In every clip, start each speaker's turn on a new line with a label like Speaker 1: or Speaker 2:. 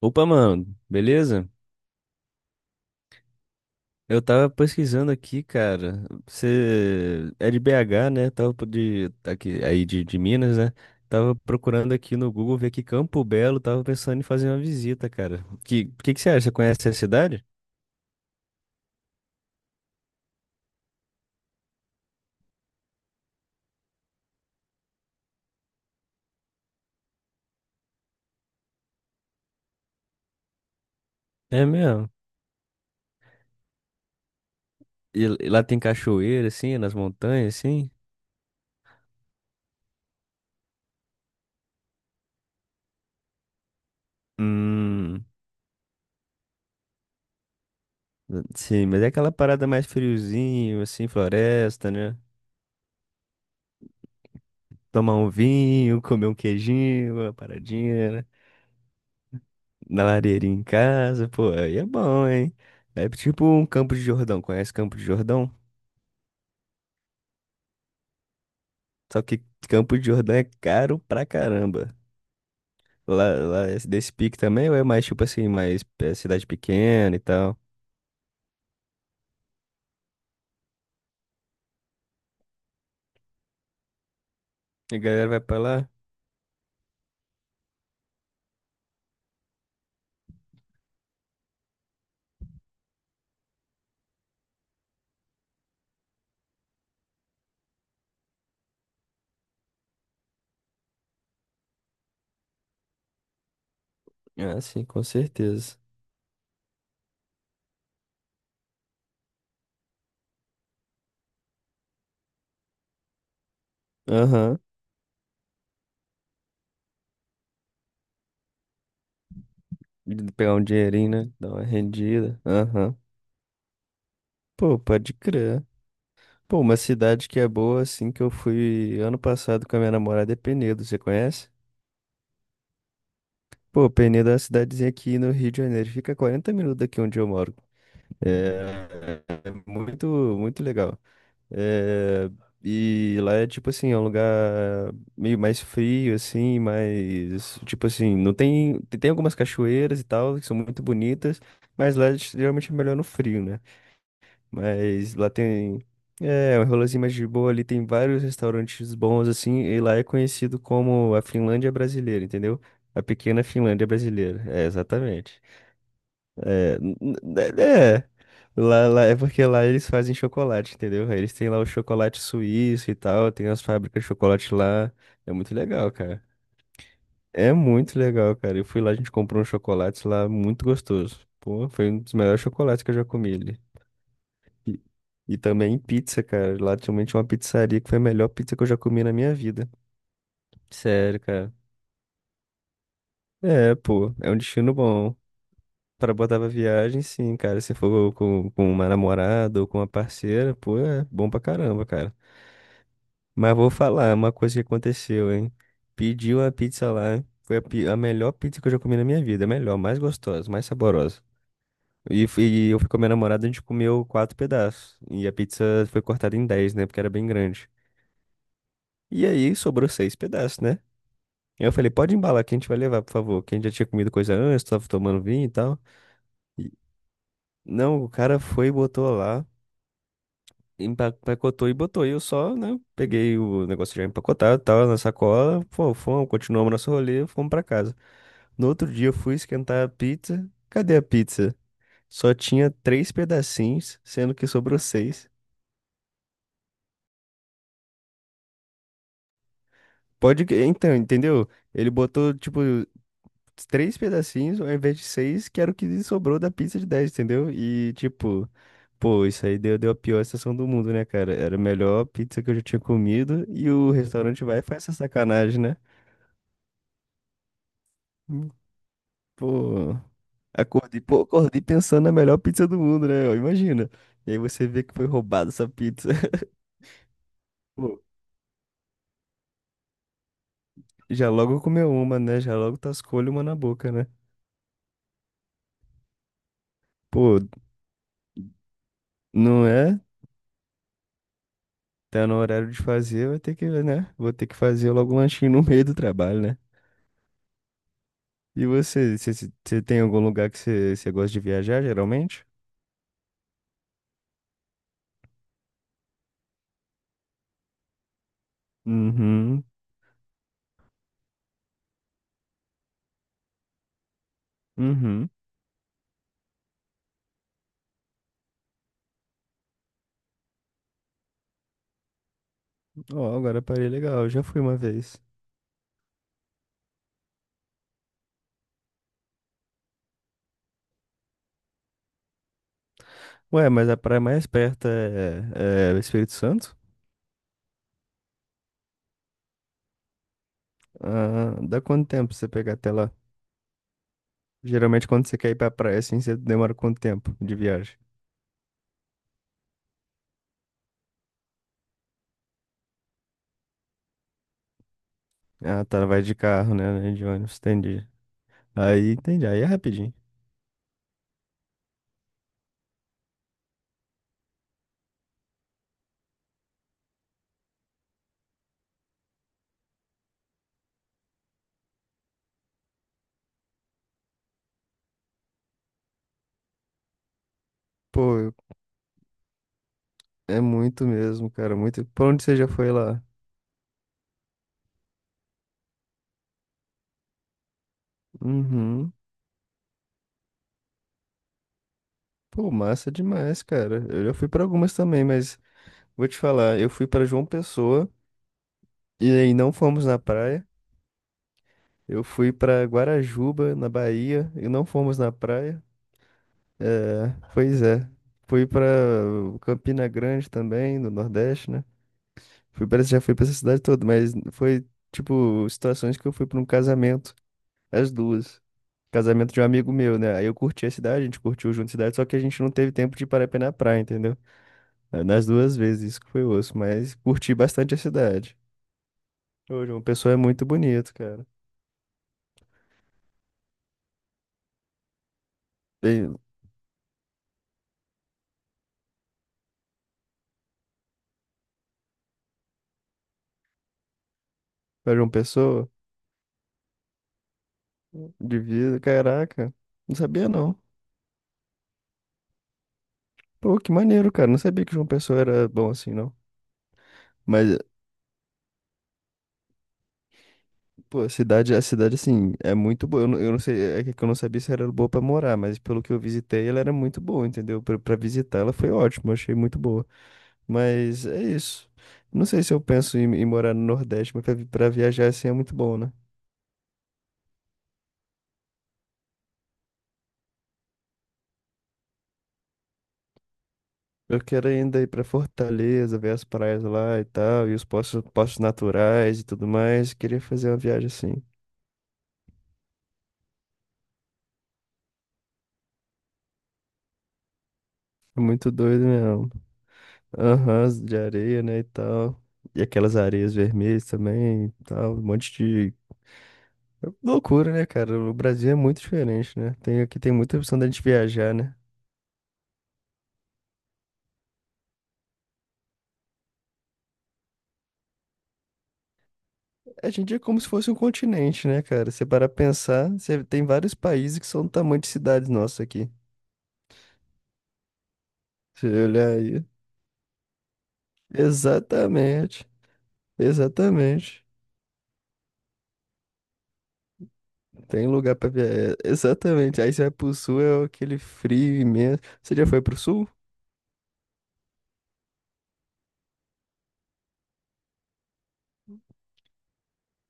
Speaker 1: Opa, mano, beleza? Eu tava pesquisando aqui, cara. Você é de BH, né? De aqui aí de Minas, né? Tava procurando aqui no Google ver que Campo Belo, tava pensando em fazer uma visita, cara. Que que você acha? Você conhece a cidade? É mesmo. E lá tem cachoeira assim, nas montanhas assim? Hum, sim, mas é aquela parada mais friozinho assim, floresta, né? Tomar um vinho, comer um queijinho, uma paradinha, né? Na lareira em casa, pô, aí é bom, hein? É tipo um Campo de Jordão. Conhece Campo de Jordão? Só que Campo de Jordão é caro pra caramba. Lá é desse pique também, ou é mais tipo assim, mais é, cidade pequena e tal? E a galera vai pra lá? Ah, sim, com certeza. Aham. De pegar um dinheirinho, né? Dar uma rendida. Aham. Pô, pode crer. Pô, uma cidade que é boa, assim, que eu fui ano passado com a minha namorada é Penedo, você conhece? Pô, Penedo é uma cidadezinha aqui no Rio de Janeiro. Fica 40 minutos daqui onde eu moro. É muito legal. É, e lá é tipo assim, é um lugar meio mais frio, assim, mas tipo assim, não tem. Tem algumas cachoeiras e tal, que são muito bonitas, mas lá é geralmente é melhor no frio, né? Mas lá tem. É, um rolezinho mais de boa ali, tem vários restaurantes bons, assim, e lá é conhecido como a Finlândia brasileira, entendeu? A pequena Finlândia brasileira. É, exatamente. É. É porque lá eles fazem chocolate, entendeu? Aí eles têm lá o chocolate suíço e tal, tem as fábricas de chocolate lá. É muito legal, cara. É muito legal, cara. Eu fui lá, a gente comprou um chocolate lá muito gostoso. Pô, foi um dos melhores chocolates que eu já comi ali. E, e também pizza, cara. Lá também tinha uma pizzaria que foi a melhor pizza que eu já comi na minha vida. Sério, cara. É, pô, é um destino bom. Pra botar pra viagem, sim, cara. Se for com uma namorada ou com uma parceira, pô, é bom pra caramba, cara. Mas vou falar uma coisa que aconteceu, hein? Pedi uma pizza lá. Foi a melhor pizza que eu já comi na minha vida. A melhor, mais gostosa, mais saborosa. E eu fui com a minha namorada, a gente comeu quatro pedaços. E a pizza foi cortada em dez, né? Porque era bem grande. E aí sobrou seis pedaços, né? Eu falei, pode embalar que a gente vai levar, por favor. Que a gente já tinha comido coisa antes, tava tomando vinho e tal. E- Não, o cara foi e botou lá, empacotou e botou. E eu só, né, peguei o negócio já empacotado, tal, na sacola. Pô, fomos, continuamos nosso rolê, fomos pra casa. No outro dia eu fui esquentar a pizza. Cadê a pizza? Só tinha três pedacinhos, sendo que sobrou seis. Então, entendeu? Ele botou, tipo, três pedacinhos ao invés de seis, que era o que sobrou da pizza de dez, entendeu? E, tipo, pô, isso aí deu a pior sensação do mundo, né, cara? Era a melhor pizza que eu já tinha comido e o restaurante vai e faz essa sacanagem, né? Pô, pô, acordei pensando na melhor pizza do mundo, né? Ó, imagina. E aí você vê que foi roubada essa pizza. Pô, já logo comeu uma, né? Já logo tascou-lhe uma na boca, né? Pô, não é? Tá no horário de fazer, vai ter que, né? Vou ter que fazer logo um lanchinho no meio do trabalho, né? E você tem algum lugar que você gosta de viajar, geralmente? Uhum, uhum. Ó, agora a parei legal, eu já fui uma vez. Ué, mas a praia mais perto é Espírito Santo? Ah, dá quanto tempo pra você pegar até lá? Geralmente quando você quer ir pra praia, assim, você demora quanto tempo de viagem? Ah, tá, vai de carro, né? Né, de ônibus, entendi. Aí, entendi, aí é rapidinho. Pô, eu- é muito mesmo, cara, muito. Pra onde você já foi lá? Uhum. Pô, massa demais, cara. Eu já fui pra algumas também, mas vou te falar, eu fui pra João Pessoa e aí não fomos na praia. Eu fui pra Guarajuba, na Bahia, e não fomos na praia. É, pois é. Fui pra Campina Grande também, no Nordeste, né? Fui para já fui pra essa cidade toda, mas foi tipo situações que eu fui pra um casamento, as duas. Casamento de um amigo meu, né? Aí eu curti a cidade, a gente curtiu junto a cidade, só que a gente não teve tempo de parar pra ir na praia, entendeu? Nas duas vezes, isso que foi osso, mas curti bastante a cidade. Ô, João Pessoa é muito bonito, cara. Bem, pra João Pessoa, de vida, caraca, não sabia não. Pô, que maneiro, cara, não sabia que João Pessoa era bom assim, não. Mas, pô, a cidade, assim, é muito boa. Eu não sei, é que eu não sabia se era boa pra morar, mas pelo que eu visitei, ela era muito boa, entendeu? Pra visitar, ela foi ótima, achei muito boa. Mas é isso. Não sei se eu penso em morar no Nordeste, mas pra viajar, assim, é muito bom, né? Eu quero ainda ir pra Fortaleza, ver as praias lá e tal, e os poços naturais e tudo mais. Queria fazer uma viagem assim. É muito doido mesmo. Aham, de areia, né, e tal. E aquelas areias vermelhas também, e tal, um monte. Loucura, né, cara? O Brasil é muito diferente, né? Tem, aqui tem muita opção da gente viajar, né? A gente é como se fosse um continente, né, cara? Você para pensar, você tem vários países que são do tamanho de cidades nossas aqui. Você olhar aí. Exatamente. Exatamente. Tem lugar pra viajar. Exatamente. Aí você vai pro sul, é aquele frio imenso. Você já foi pro sul?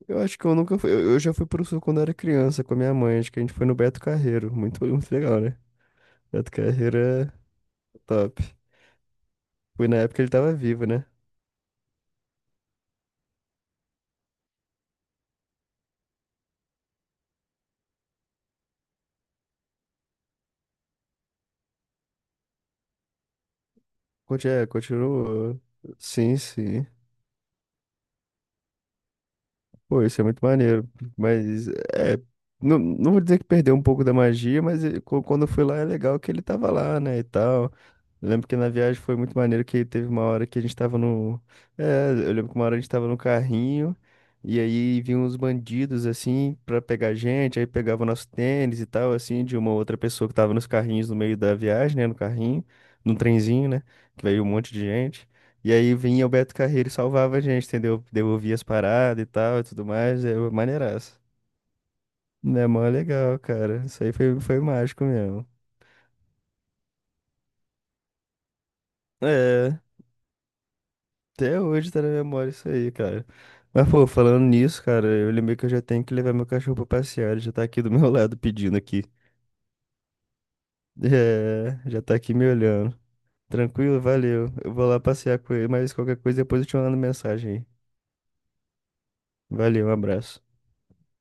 Speaker 1: Eu acho que eu nunca fui. Eu já fui pro sul quando eu era criança com a minha mãe. Acho que a gente foi no Beto Carreiro. Muito legal, né? Beto Carreiro é top. Foi na época que ele tava vivo, né? É, continuou. Sim, sim. Pô, isso é muito maneiro. Mas, é. Não, não vou dizer que perdeu um pouco da magia, mas quando eu fui lá é legal que ele tava lá, né? E tal. Eu lembro que na viagem foi muito maneiro que teve uma hora que a gente tava no. É, eu lembro que uma hora a gente tava no carrinho e aí vinham uns bandidos assim pra pegar a gente, aí pegava o nosso tênis e tal, assim, de uma outra pessoa que tava nos carrinhos no meio da viagem, né? No carrinho, no trenzinho, né? Que veio um monte de gente. E aí vinha o Beto Carreiro e salvava a gente, entendeu? Devolvia as paradas e tal e tudo mais. É maneiraço. É mó legal, cara. Isso aí foi, foi mágico mesmo. É. Até hoje tá na memória isso aí, cara. Mas, pô, falando nisso, cara, eu lembrei que eu já tenho que levar meu cachorro pra passear. Ele já tá aqui do meu lado pedindo aqui. É, já tá aqui me olhando. Tranquilo, valeu. Eu vou lá passear com ele, mas qualquer coisa depois eu te mando mensagem aí. Valeu, um abraço.